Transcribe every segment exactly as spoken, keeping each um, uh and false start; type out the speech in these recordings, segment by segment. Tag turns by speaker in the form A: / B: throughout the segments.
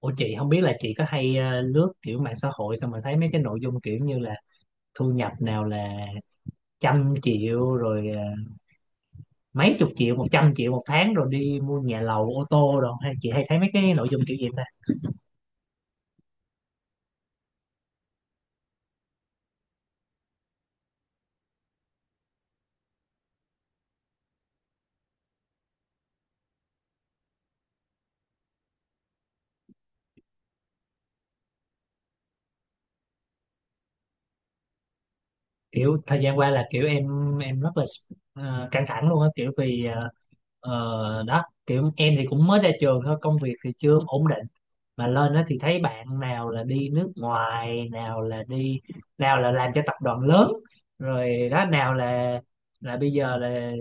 A: Ủa, chị không biết là chị có hay ờ, lướt kiểu mạng xã hội xong rồi thấy mấy cái nội dung kiểu như là thu nhập, nào là trăm triệu rồi ờ, mấy chục triệu, một trăm triệu một tháng, rồi đi mua nhà lầu, ô tô, rồi hay chị hay thấy mấy cái nội dung kiểu gì ta? Kiểu thời gian qua là kiểu em em rất là ờ, căng thẳng luôn á, kiểu vì ờ, ờ, đó, kiểu em thì cũng mới ra trường thôi, công việc thì chưa ổn định, mà lên đó thì thấy bạn nào là đi nước ngoài, nào là đi, nào là làm cho tập đoàn lớn rồi đó, nào là là bây giờ là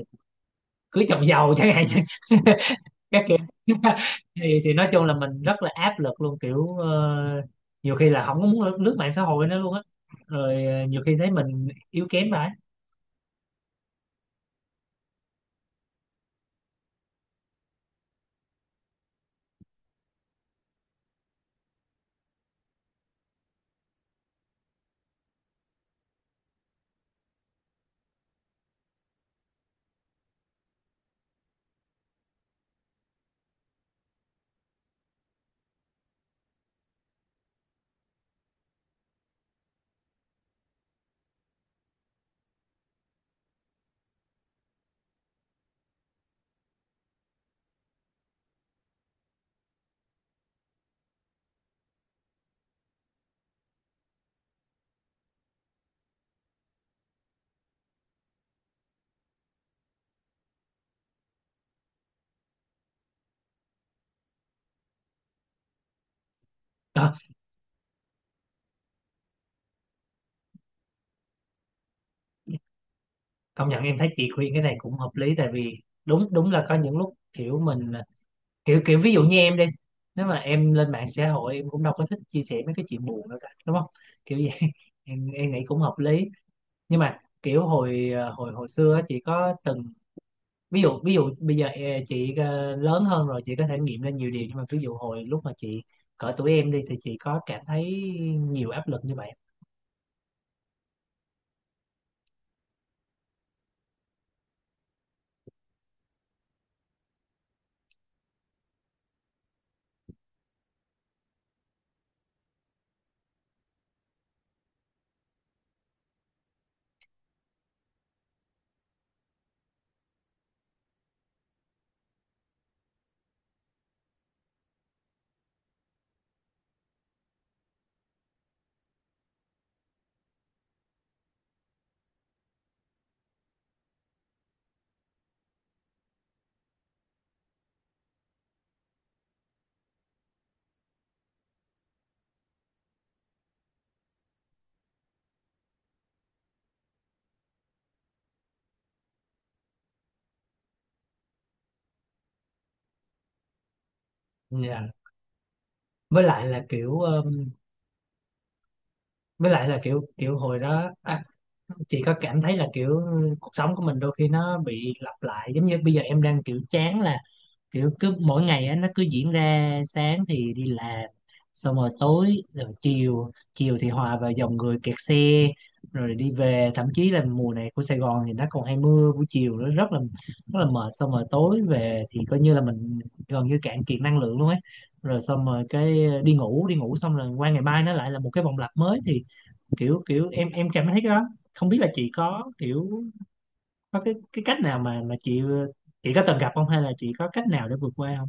A: cưới chồng giàu chẳng hạn, các kiểu. thì thì nói chung là mình rất là áp lực luôn, kiểu ờ, nhiều khi là không có muốn lướt, lướt mạng xã hội nữa luôn á, rồi ờ, nhiều khi thấy mình yếu kém vậy. Ờ, công nhận em thấy chị khuyên cái này cũng hợp lý, tại vì đúng đúng là có những lúc kiểu mình ờ, kiểu kiểu ví dụ như em đi, nếu mà em lên mạng xã hội em cũng đâu có thích chia sẻ mấy cái chuyện buồn đâu cả, đúng không? Kiểu vậy. em em nghĩ cũng hợp lý. Nhưng mà kiểu hồi ờ, hồi hồi xưa á, chị có từng ví dụ, ví dụ bây giờ ờ, chị ờ, lớn hơn rồi chị có thể nghiệm lên nhiều điều, nhưng mà ví dụ hồi lúc mà chị cỡ tuổi em đi thì chị có cảm thấy nhiều áp lực như vậy? Dạ. với lại là kiểu ờ, với lại là kiểu kiểu hồi đó à, chị có cảm thấy là kiểu ừ, cuộc sống của mình đôi khi nó bị lặp lại, giống như bây giờ em đang kiểu chán là kiểu cứ mỗi ngày á nó cứ diễn ra, sáng thì đi làm xong rồi tối, rồi chiều chiều thì hòa vào dòng người kẹt xe rồi đi về, thậm chí là mùa này của Sài Gòn thì nó còn hay mưa buổi chiều, nó rất là rất là mệt, xong rồi tối về thì coi như là mình gần như cạn kiệt năng lượng luôn ấy, rồi xong rồi cái ờ, đi ngủ đi ngủ xong rồi qua ngày mai nó lại là một cái vòng lặp mới, thì kiểu kiểu em em cảm thấy cái đó, không biết là chị có kiểu có cái cái cách nào mà mà chị chị có từng gặp không hay là chị có cách nào để vượt qua không?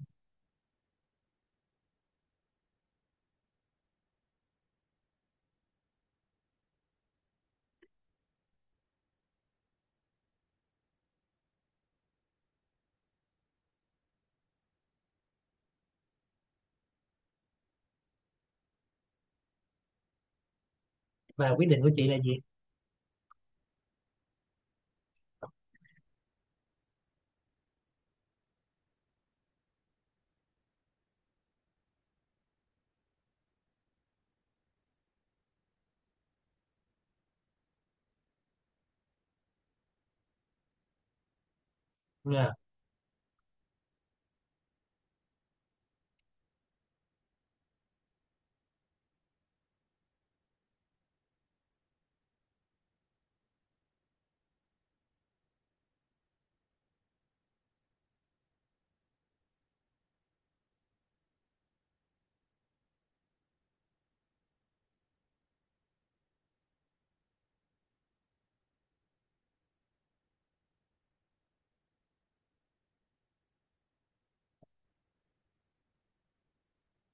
A: Và quyết định của chị là gì? Ngờ.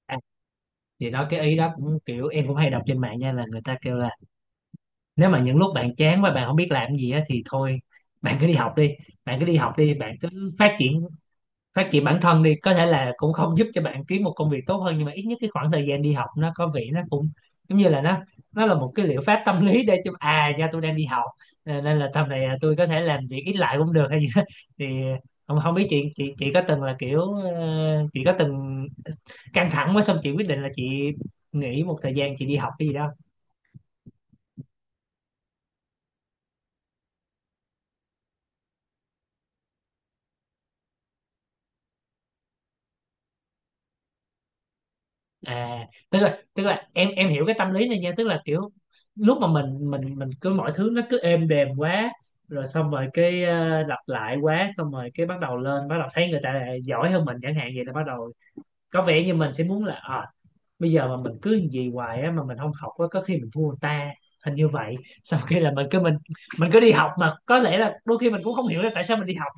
A: À, chị nói cái ý đó cũng kiểu em cũng hay đọc trên mạng nha, là người ta kêu là nếu mà những lúc bạn chán và bạn không biết làm gì á thì thôi, bạn cứ đi học đi, bạn cứ đi học đi, bạn cứ phát triển, phát triển bản thân đi, có thể là cũng không giúp cho bạn kiếm một công việc tốt hơn nhưng mà ít nhất cái khoảng thời gian đi học nó có vẻ nó cũng giống như là nó nó là một cái liệu pháp tâm lý, để cho à nha tôi đang đi học, à, nên là tầm này à, tôi có thể làm việc ít lại cũng được hay gì đó. Thì không không biết chị chị chị có từng là kiểu ờ, chị có từng căng thẳng quá xong chị quyết định là chị nghỉ một thời gian chị đi học cái gì đó. À, tức là tức là em em hiểu cái tâm lý này nha, tức là kiểu lúc mà mình mình mình cứ mọi thứ nó cứ êm đềm quá, rồi xong rồi cái ờ, lặp lại quá xong rồi cái bắt đầu lên, bắt đầu thấy người ta giỏi hơn mình chẳng hạn, vậy là bắt đầu có vẻ như mình sẽ muốn là à, bây giờ mà mình cứ gì hoài á mà mình không học á có khi mình thua người ta, hình như vậy. Sau khi là mình cứ mình mình cứ đi học mà có lẽ là đôi khi mình cũng không hiểu là tại sao mình đi học.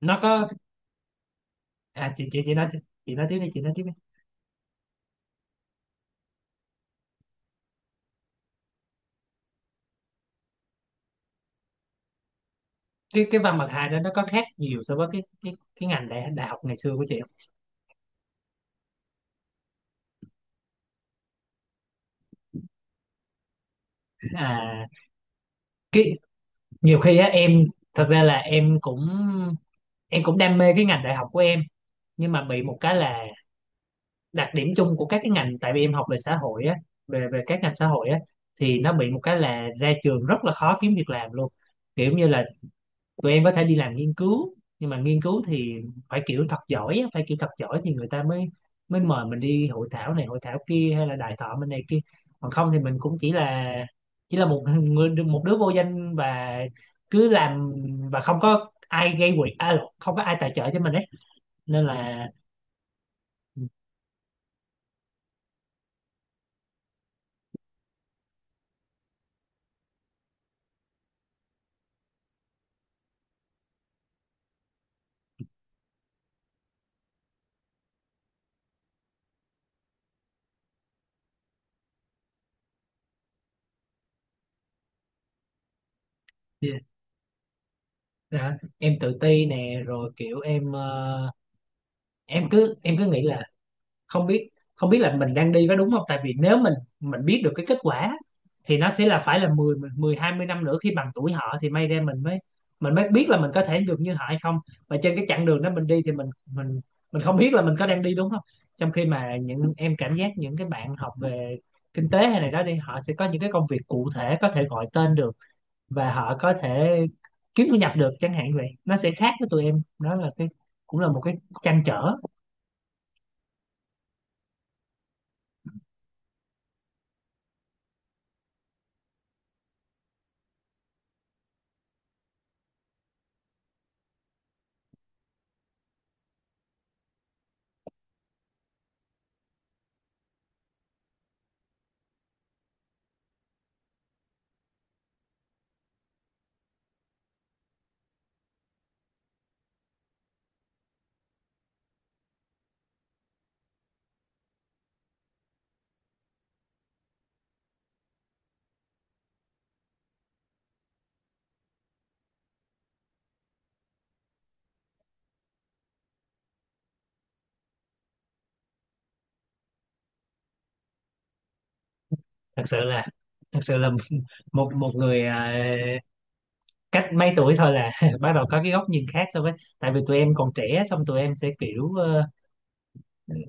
A: Nó có à chị chị chị nói tiếp- chị nói tiếp đi, chị nói tiếp đi. cái cái văn bằng hai đó nó có khác nhiều so với cái cái cái ngành đại đại học ngày xưa của chị không? À, cái nhiều khi á em, thật ra là em cũng em cũng đam mê cái ngành đại học của em, nhưng mà bị một cái là đặc điểm chung của các cái ngành, tại vì em học về xã hội á, về về các ngành xã hội á thì nó bị một cái là ra trường rất là khó kiếm việc làm luôn, kiểu như là tụi em có thể đi làm nghiên cứu, nhưng mà nghiên cứu thì phải kiểu thật giỏi á, phải kiểu thật giỏi thì người ta mới mới mời mình đi hội thảo này hội thảo kia hay là đại thọ bên này kia, còn không thì mình cũng chỉ là chỉ là một người, một đứa vô danh, và cứ làm, và không có ai gây quỹ à, không có ai tài trợ cho mình ấy nên là. Dạ, em tự ti nè, rồi kiểu em ờ, em cứ em cứ nghĩ là không biết, không biết là mình đang đi có đúng không, tại vì nếu mình mình biết được cái kết quả thì nó sẽ là phải là mười mười, hai mươi năm nữa khi bằng tuổi họ thì may ra mình mới mình mới biết là mình có thể được như họ hay không, và trên cái chặng đường đó mình đi thì mình mình mình không biết là mình có đang đi đúng không, trong khi mà những em cảm giác những cái bạn học về kinh tế hay này đó đi họ sẽ có những cái công việc cụ thể có thể gọi tên được, và họ có thể kiếm thu nhập được chẳng hạn, vậy nó sẽ khác với tụi em, đó là cái cũng là một cái trăn trở. Thật sự là, thật sự là một một người, à, cách mấy tuổi thôi là, bắt đầu có cái góc nhìn khác so với, tại vì tụi em còn trẻ xong tụi em sẽ kiểu ờ,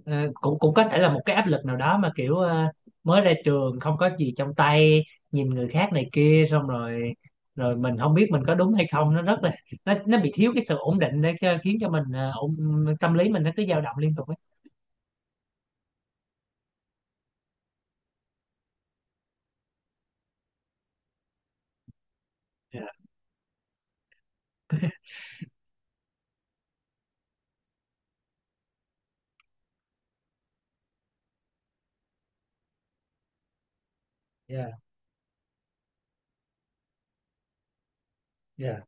A: ờ, cũng cũng có thể là một cái áp lực nào đó mà kiểu ờ, mới ra trường không có gì trong tay, nhìn người khác này kia xong rồi, rồi mình không biết mình có đúng hay không, nó rất là, nó nó bị thiếu cái sự ổn định để cho- khiến cho mình ờ, ổn, tâm lý mình nó cứ dao động liên tục ấy. Dạ, dạ, dạ.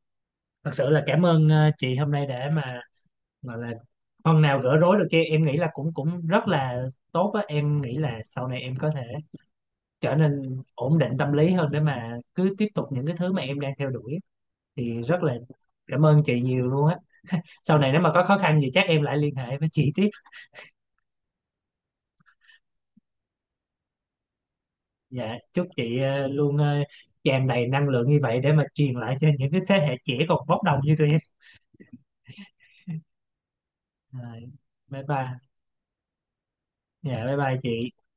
A: Thật sự là cảm ơn ờ, chị hôm nay để mà gọi là phần nào gỡ rối được kia, em nghĩ là cũng cũng rất là tốt á, em nghĩ là sau này em có thể trở nên ổn định tâm lý hơn để mà cứ tiếp tục những cái thứ mà em đang theo đuổi, thì rất là cảm ơn chị nhiều luôn á, sau này nếu mà có khó khăn gì chắc em lại liên hệ với chị tiếp. Dạ, chúc chị ờ, luôn ờ, tràn đầy năng lượng như vậy để mà truyền lại cho những cái thế hệ trẻ còn bốc đồng như tụi em. Rồi, bye bye. Dạ, bye bye chị.